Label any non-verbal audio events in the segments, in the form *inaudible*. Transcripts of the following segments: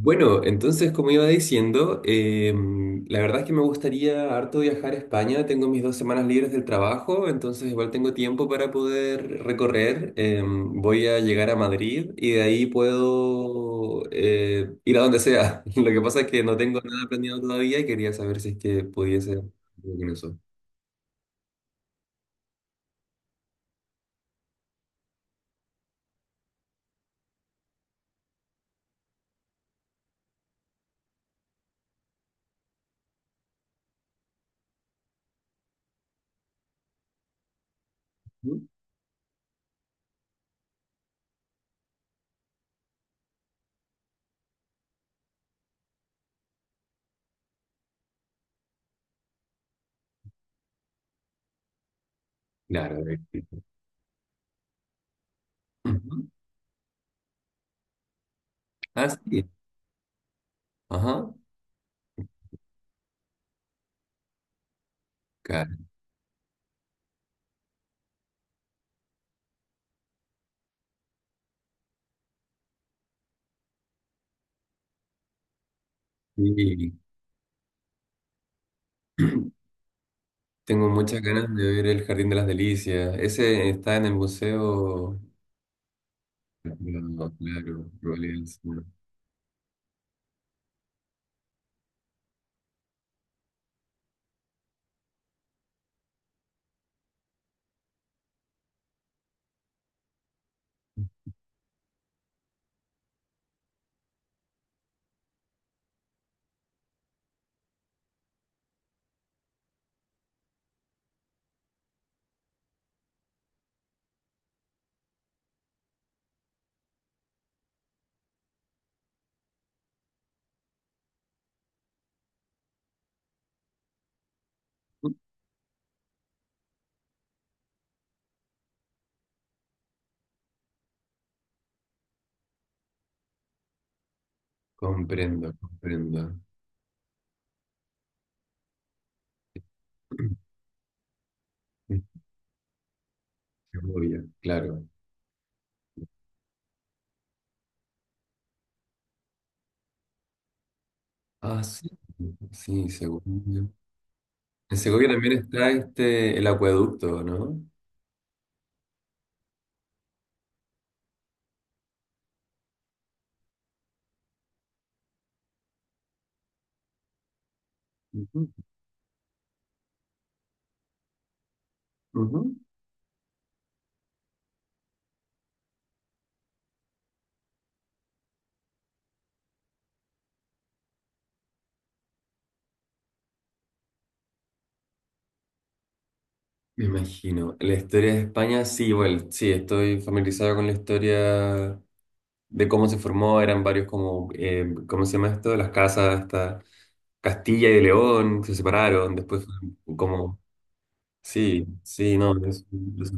Bueno, entonces, como iba diciendo, la verdad es que me gustaría harto viajar a España. Tengo mis 2 semanas libres del trabajo, entonces igual tengo tiempo para poder recorrer. Voy a llegar a Madrid y de ahí puedo ir a donde sea. *laughs* Lo que pasa es que no tengo nada planeado todavía y quería saber si es que pudiese hacer algo con eso. Ujú. Claro. Ujú. Ah, sí. Ajá. Claro. Sí. *clears throat* Tengo muchas ganas de ver el Jardín de las Delicias. Ese está en el museo. Claro, claro, Royal Sur. Comprendo, comprendo. *clears throat* En Segovia, claro. Ah, sí. Sí, Segovia. En Segovia también está este, el acueducto, ¿no? Ujú, ujú. Me imagino. La historia de España, sí, bueno, sí, estoy familiarizado con la historia de cómo se formó, eran varios como, ¿cómo se llama esto? Las casas, hasta Castilla y de León, se separaron, después fue como, sí, sí, no, es-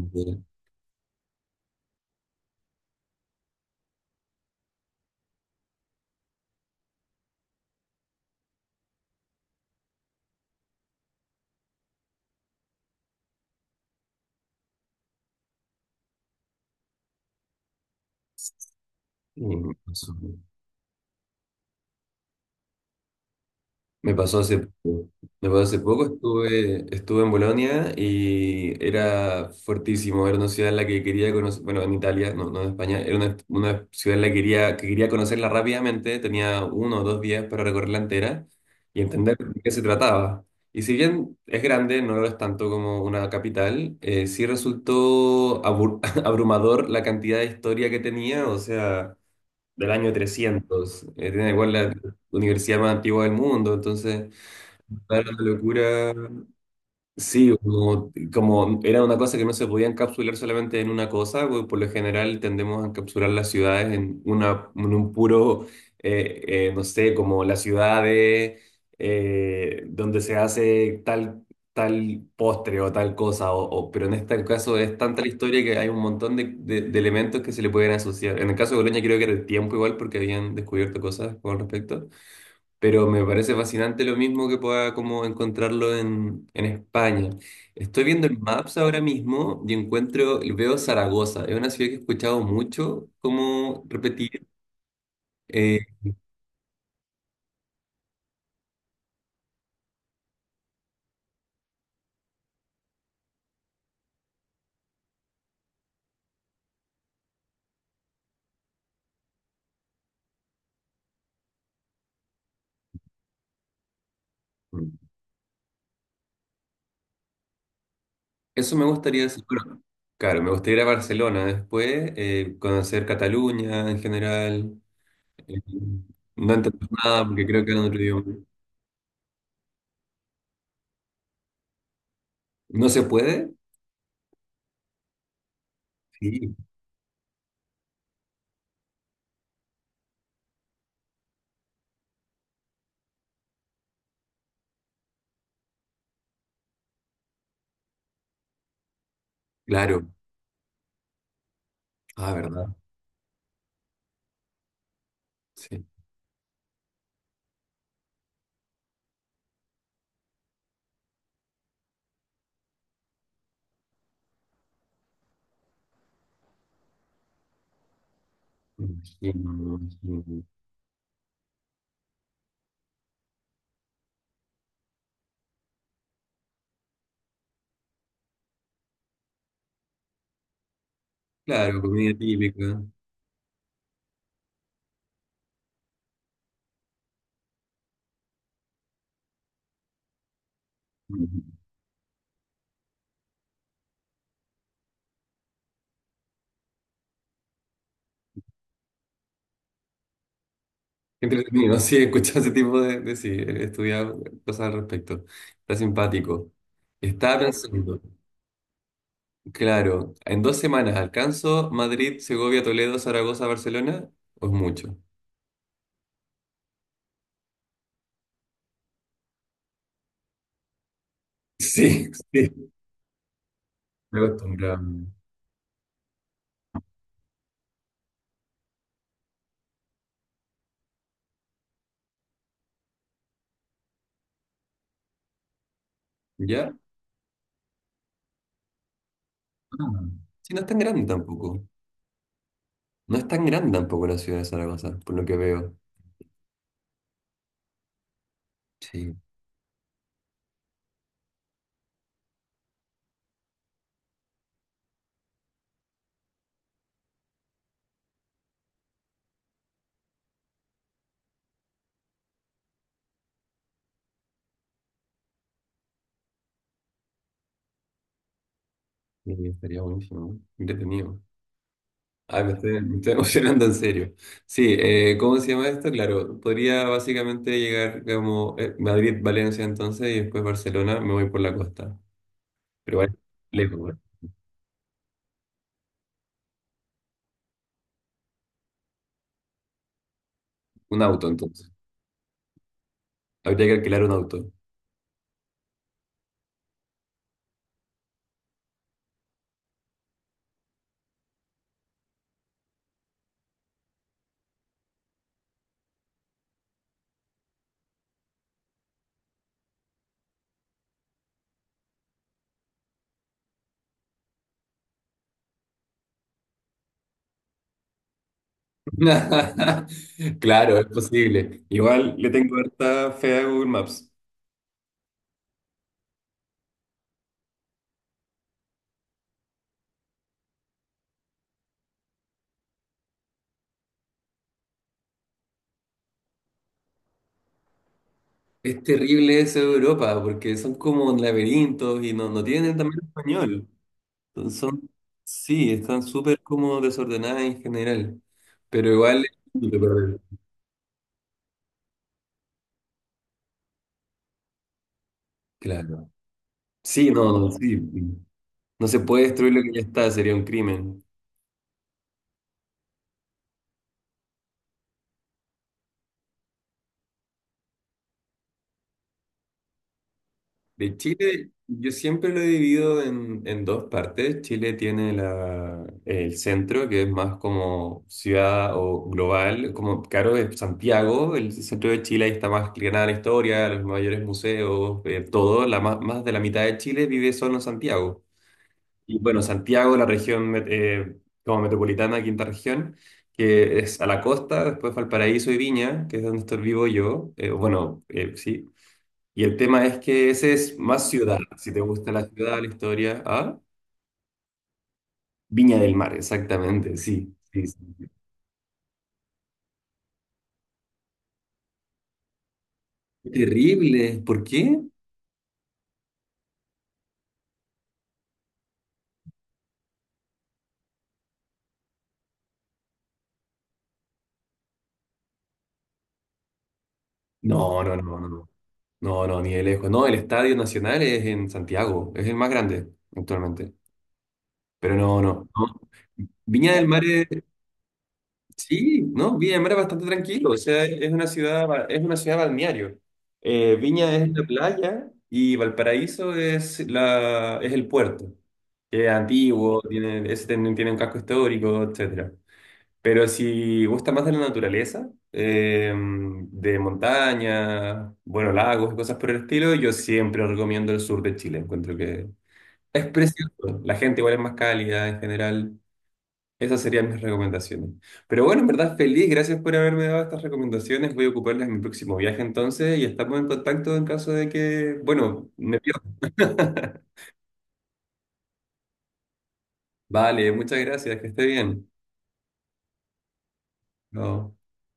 sí, eso. Me pasó hace poco. Me pasó hace poco, estuve en Bolonia y era fuertísimo, era una ciudad en la que quería conocer, bueno, en Italia, no, no en España, era una ciudad en la que que quería conocerla rápidamente, tenía 1 o 2 días para recorrerla entera y entender de qué se trataba. Y si bien es grande, no lo es tanto como una capital, sí resultó *laughs* abrumador la cantidad de historia que tenía, o sea del año 300. Tiene igual la universidad más antigua del mundo, entonces, claro, una locura. Sí, como, como era una cosa que no se podía encapsular solamente en una cosa, pues, por lo general tendemos a encapsular las ciudades en, una, en un puro, eh, no sé, como las ciudades donde se hace tal, tal postre o tal cosa, pero en este caso es tanta la historia que hay un montón de, de elementos que se le pueden asociar. En el caso de Bolonia creo que era el tiempo igual porque habían descubierto cosas con respecto, pero me parece fascinante lo mismo que pueda como encontrarlo en España. Estoy viendo el Maps ahora mismo y encuentro, veo Zaragoza, es una ciudad que he escuchado mucho como repetir. eh, eso me gustaría hacer. Bueno, claro, me gustaría ir a Barcelona después, conocer Cataluña en general, eh, no entender nada porque creo que es otro idioma. ¿No se puede? Sí, claro. Ah, ¿verdad? Sí. Me imagino, me imagino. Claro, comida típica. Qué Entretenido, sí, escuchar ese tipo de, sí, he estudiado cosas al respecto. Está simpático. Estaba pensando, claro, en 2 semanas alcanzo Madrid, Segovia, Toledo, Zaragoza, Barcelona, o es mucho. Sí, sí. Me acostumbrado. ¿Ya? Ah, sí, no es tan grande tampoco. No es tan grande tampoco la ciudad de Zaragoza, por lo que veo. Sí, sí, estaría buenísimo, ¿no? Entretenido. Ay, me estoy *laughs* emocionando en serio. Sí, ¿cómo se llama esto? Claro, podría básicamente llegar como Madrid, Valencia entonces y después Barcelona, me voy por la costa. Pero vale, lejos, ¿eh? Un auto entonces. Habría que alquilar un auto. *laughs* Claro, es posible. Igual le tengo harta fe a Google Maps. Es terrible eso de Europa, porque son como laberintos y no, no tienen también español. Entonces son, sí, están súper como desordenadas en general, pero igual es útil para ver. Claro. Sí, no, no, sí. No se puede destruir lo que ya está, sería un crimen. De Chile, yo siempre lo he dividido en dos partes. Chile tiene el centro, que es más como ciudad o global, como, claro, es Santiago, el centro de Chile, ahí está más que la historia, los mayores museos, todo, más de la mitad de Chile vive solo en Santiago. Y bueno, Santiago, la región como metropolitana, quinta región, que es a la costa, después Valparaíso y Viña, que es donde estoy vivo yo, bueno, sí. Y el tema es que ese es más ciudad, si te gusta la ciudad, la historia, ¿ah? Viña del Mar, exactamente, sí, sí, sí. Terrible, ¿por qué? No, no, no, no, no, no, no, ni de lejos. No, el Estadio Nacional es en Santiago, es el más grande actualmente, pero no, no, no. Viña del Mar. Sí, no, Viña del Mar es bastante tranquilo, o sea, es una ciudad, es una ciudad balneario. Viña es la playa y Valparaíso es, la, es el puerto, que es antiguo, tiene, es- tiene tiene un casco histórico, etcétera. Pero si gusta más de la naturaleza, de montaña, bueno, lagos y cosas por el estilo, yo siempre recomiendo el sur de Chile, encuentro que es precioso. La gente igual es más cálida en general. Esas serían mis recomendaciones. Pero bueno, en verdad feliz, gracias por haberme dado estas recomendaciones. Voy a ocuparlas en mi próximo viaje entonces y estamos en contacto en caso de que, bueno, me pierda. *laughs* Vale, muchas gracias, que esté bien. Chao.